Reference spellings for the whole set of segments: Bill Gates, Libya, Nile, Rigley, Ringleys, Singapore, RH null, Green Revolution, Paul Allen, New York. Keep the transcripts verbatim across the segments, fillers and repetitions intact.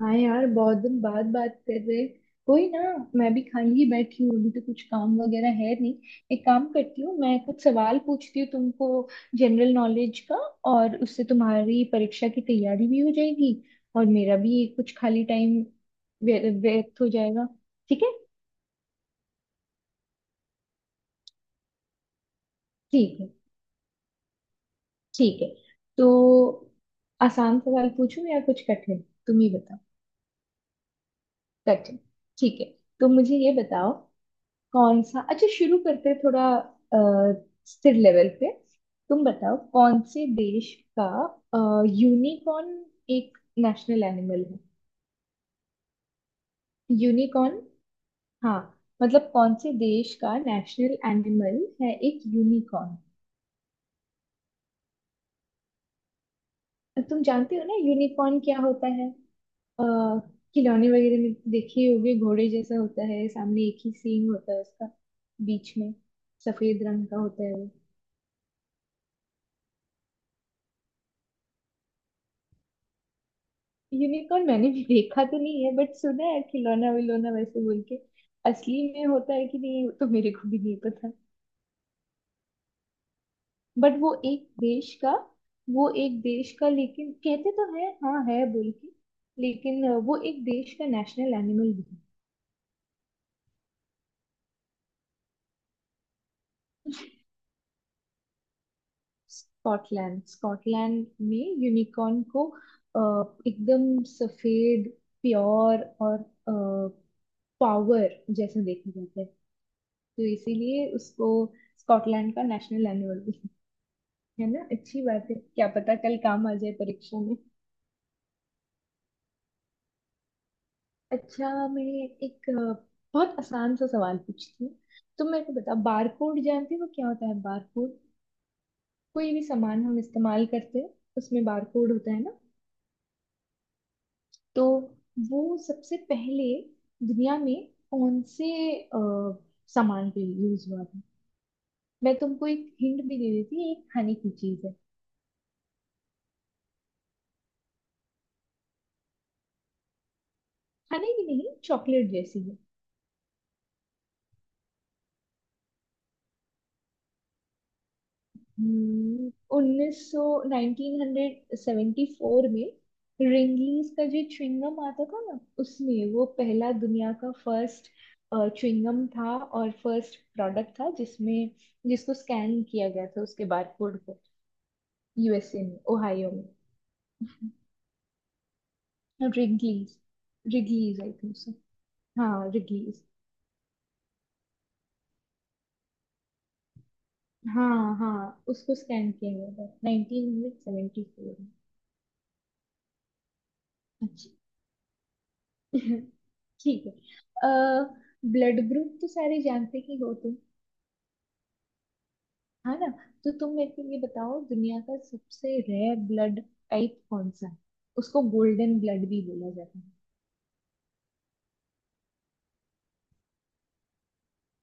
हाँ यार, बहुत दिन बाद बात कर रहे। कोई ना। मैं भी खाली ही बैठी हूँ, अभी तो कुछ काम वगैरह है नहीं। एक काम करती हूँ, मैं कुछ सवाल पूछती हूँ तुमको, जनरल नॉलेज का। और उससे तुम्हारी परीक्षा की तैयारी भी हो जाएगी और मेरा भी कुछ खाली टाइम व्यर्थ हो जाएगा। ठीक है। ठीक है। ठीक है। तो आसान सवाल पूछूं या कुछ कठिन, तुम ही बताओ। कठिन। ठीक है। तो मुझे ये बताओ, कौन सा, अच्छा, शुरू करते हैं थोड़ा अ, स्थिर लेवल पे। तुम बताओ कौन से देश का यूनिकॉर्न एक नेशनल एनिमल है। यूनिकॉर्न, हाँ। मतलब कौन से देश का नेशनल एनिमल है एक यूनिकॉर्न। तुम जानते हो ना यूनिकॉर्न क्या होता है? अ, खिलौने वगैरह में देखे ही होगे, घोड़े जैसा होता है, सामने एक ही सींग होता है उसका, बीच में। सफेद रंग का होता है वो। यूनिकॉर्न मैंने भी देखा तो नहीं है बट सुना है, खिलौना विलौना वैसे बोल के। असली में होता है कि नहीं वो तो मेरे को भी नहीं पता। बट वो एक देश का, वो एक देश का, लेकिन कहते तो है हाँ है बोल के। लेकिन वो एक देश का नेशनल एनिमल भी है। स्कॉटलैंड, स्कॉटलैंड में यूनिकॉर्न को अ, एकदम सफेद, प्योर और पावर जैसे देखा जाता है, तो इसीलिए उसको स्कॉटलैंड का नेशनल एनिमल भी है ना। अच्छी बात है, क्या पता कल काम आ जाए परीक्षा में। अच्छा, मैं एक अ, बहुत आसान सा सवाल पूछती हूँ। तुम मेरे को बताओ, बारकोड जानते हो क्या होता है बारकोड? कोई भी सामान हम इस्तेमाल करते हैं उसमें बारकोड होता है ना। तो वो सबसे पहले दुनिया में कौन से अ, सामान पे यूज हुआ था? मैं तुमको एक हिंट भी दे देती हूँ, ये एक खाने की चीज है। खाने की नहीं, चॉकलेट जैसी है। हम्म, उन्नीस सौ नाइनटीन हंड्रेड सेवेंटी फोर में रिंगलीज का जो च्युइंगम आता था ना, उसमें वो पहला, दुनिया का फर्स्ट च्युइंगम था और फर्स्ट प्रोडक्ट था जिसमें, जिसको स्कैन किया गया था उसके बारकोड को। यूएसए में, ओहायो में। Wrigley's Wrigley's I think so. हाँ, रिगलीज। हाँ हाँ, उसको स्कैन किया गया था नाइनटीन हंड्रेड सेवेंटी फोर में। अच्छा ठीक है। अ, ब्लड ग्रुप तो सारे जानते ही हो तुम, है ना। तो तुम मेरे को ये बताओ, दुनिया का सबसे रेयर ब्लड टाइप कौन सा है? उसको गोल्डन ब्लड भी बोला जाता है।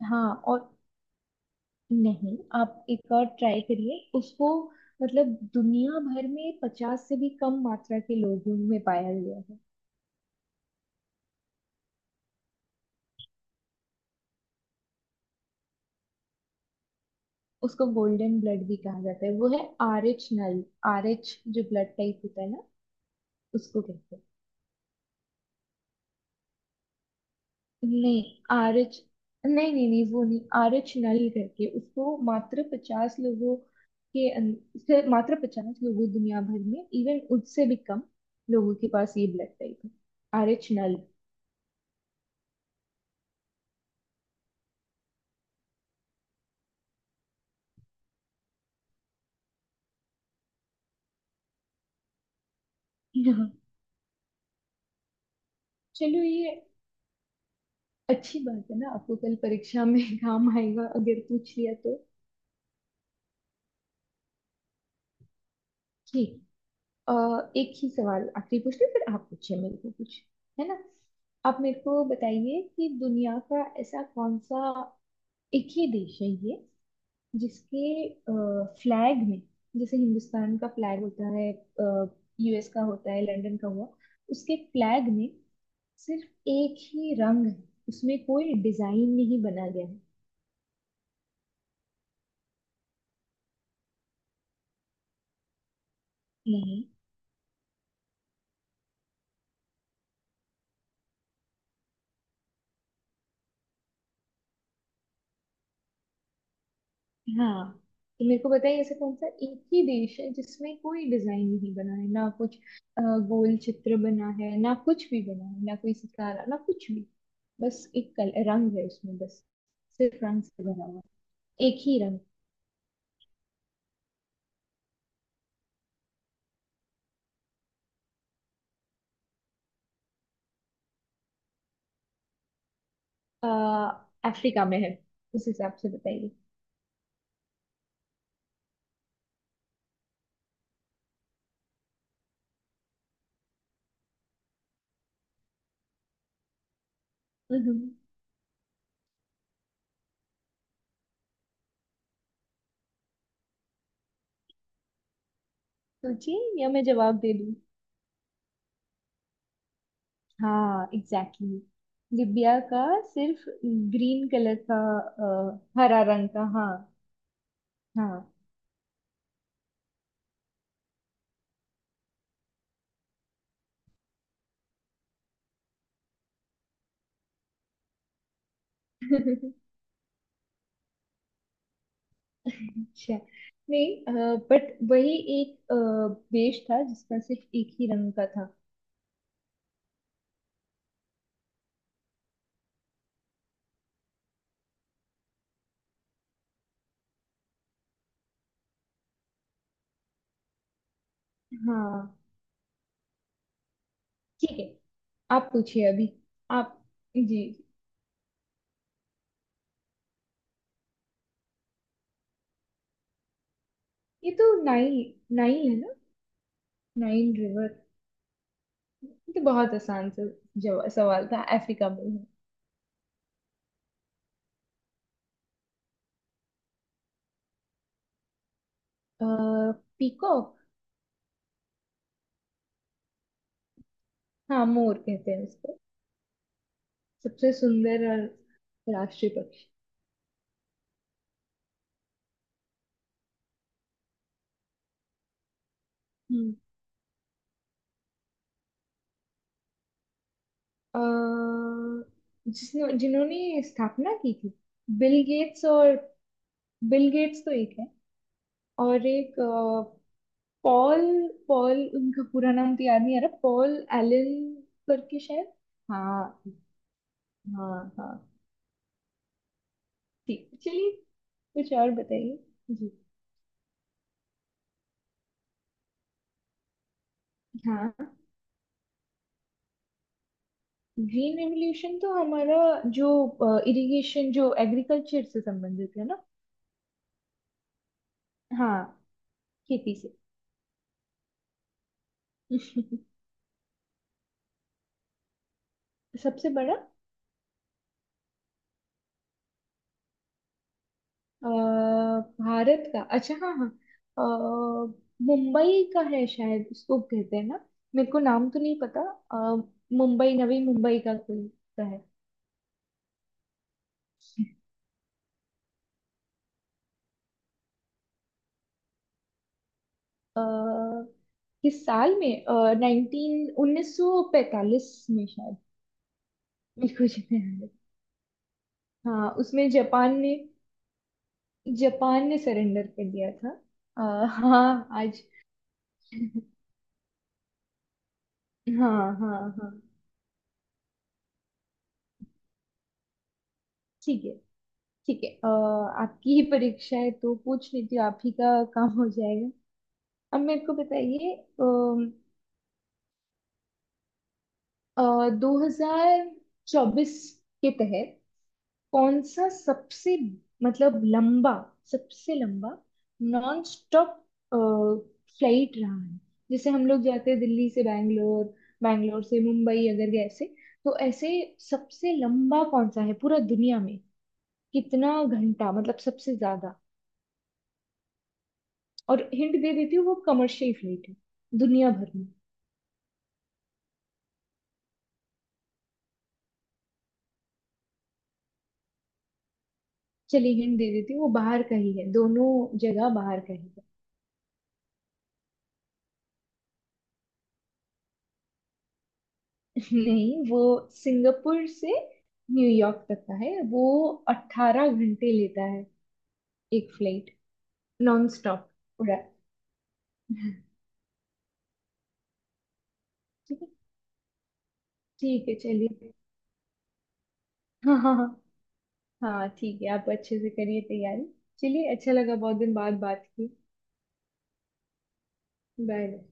हाँ और। नहीं, आप एक और ट्राई करिए उसको। मतलब दुनिया भर में पचास से भी कम मात्रा के लोगों में पाया गया है। उसको गोल्डन ब्लड भी कहा जाता है, वो है R H null. R H जो ब्लड टाइप होता है ना उसको कहते हैं, नहीं आरएच, नहीं नहीं नहीं, वो नहीं। आरएच नल करके। उसको मात्र पचास लोगों के अं- से मात्र पचास लोगों, दुनिया भर में, इवन उससे भी कम लोगों के पास ये ब्लड टाइप है, आरएच नल। हाँ। चलो, ये अच्छी बात है ना, आपको कल परीक्षा में काम आएगा अगर पूछ लिया तो। ठीक। अ, एक ही सवाल आखिरी पूछते हैं, फिर आप पूछिए मेरे को कुछ, है ना। आप मेरे को बताइए कि दुनिया का ऐसा कौन सा एक ही देश है ये, जिसके फ्लैग में, जैसे हिंदुस्तान का फ्लैग होता है, यूएस का होता है, लंदन का हुआ, उसके फ्लैग में सिर्फ एक ही रंग है, उसमें कोई डिजाइन नहीं बना गया है। नहीं। हाँ। तो मेरे को बताइए ऐसा कौन सा एक ही देश है जिसमें कोई डिजाइन नहीं बना है ना कुछ अ, गोल चित्र बना है ना कुछ भी, बना है ना कोई सितारा ना कुछ भी, बस एक कल रंग है उसमें, बस सिर्फ रंग से भरा हुआ, एक ही रंग। अफ्रीका में है, उस हिसाब से बताइए। हम्म, सोचिए या मैं जवाब दे दूं? हाँ एग्जैक्टली exactly। लिबिया का सिर्फ ग्रीन कलर का, अ, हरा रंग का, हाँ। हाँ। अच्छा। नहीं बट वही एक अ, देश था जिसका सिर्फ एक ही रंग का था। हाँ ठीक है, आप पूछिए अभी, आप। जी जी। ये तो नाइल, नाइल है ना। Nile river. ये तो बहुत आसान सा जवा- सवाल था, अफ्रीका में है। पीकॉक। हाँ, मोर कहते हैं उसको, सबसे सुंदर और राष्ट्रीय पक्षी। हम्म अ, जिसने जिन्होंने स्थापना की थी, बिल गेट्स और, बिल गेट्स तो एक है, और एक पॉल, पॉल, उनका पूरा नाम तो याद नहीं आ रहा, पॉल एलन करके शायद। हाँ हाँ हाँ। ठीक, चलिए कुछ और बताइए। जी। हाँ, ग्रीन रेवोल्यूशन तो हमारा जो इरिगेशन जो एग्रीकल्चर से संबंधित है ना। हाँ, खेती से। सबसे बड़ा, अ, भारत का, अच्छा हाँ हाँ। अ, मुंबई का है शायद, उसको कहते हैं ना, मेरे को नाम तो नहीं पता। अ, मुंबई, नवी मुंबई का कोई, का है। अ, किस साल में, नाइनटीन उन्नीस सौ पैतालीस में शायद। मेरे को जो याद है। हाँ, उसमें जापान ने, जापान ने सरेंडर कर दिया था। अ, हाँ आज। हाँ हाँ हाँ। ठीक है। ठीक है, अ, आपकी ही परीक्षा है तो पूछ लीजिए, आप ही का काम हो जाएगा। अब मेरे को बताइए, दो हजार चौबीस के तहत कौन सा सबसे, मतलब लंबा, सबसे लंबा नॉन स्टॉप फ्लाइट रहा है। जैसे हम लोग जाते हैं दिल्ली से बैंगलोर, बैंगलोर से मुंबई, अगर गए ऐसे तो, ऐसे सबसे लंबा कौन सा है पूरा दुनिया में, कितना घंटा मतलब सबसे ज्यादा। और हिंट दे देती हूँ, वो कमर्शियल फ्लाइट है, दुनिया भर में। चलिए हिंट दे देती हूँ वो बाहर का ही है, दोनों जगह बाहर का ही है। नहीं, वो सिंगापुर से न्यूयॉर्क तक का है वो। अट्ठारह घंटे लेता है एक फ्लाइट, नॉन स्टॉप उड़ा। ठीक है। ठीक है चलिए। हाँ हाँ हाँ। हाँ ठीक है, आप अच्छे से करिए तैयारी। चलिए, अच्छा लगा बहुत दिन बाद बात की। बाय।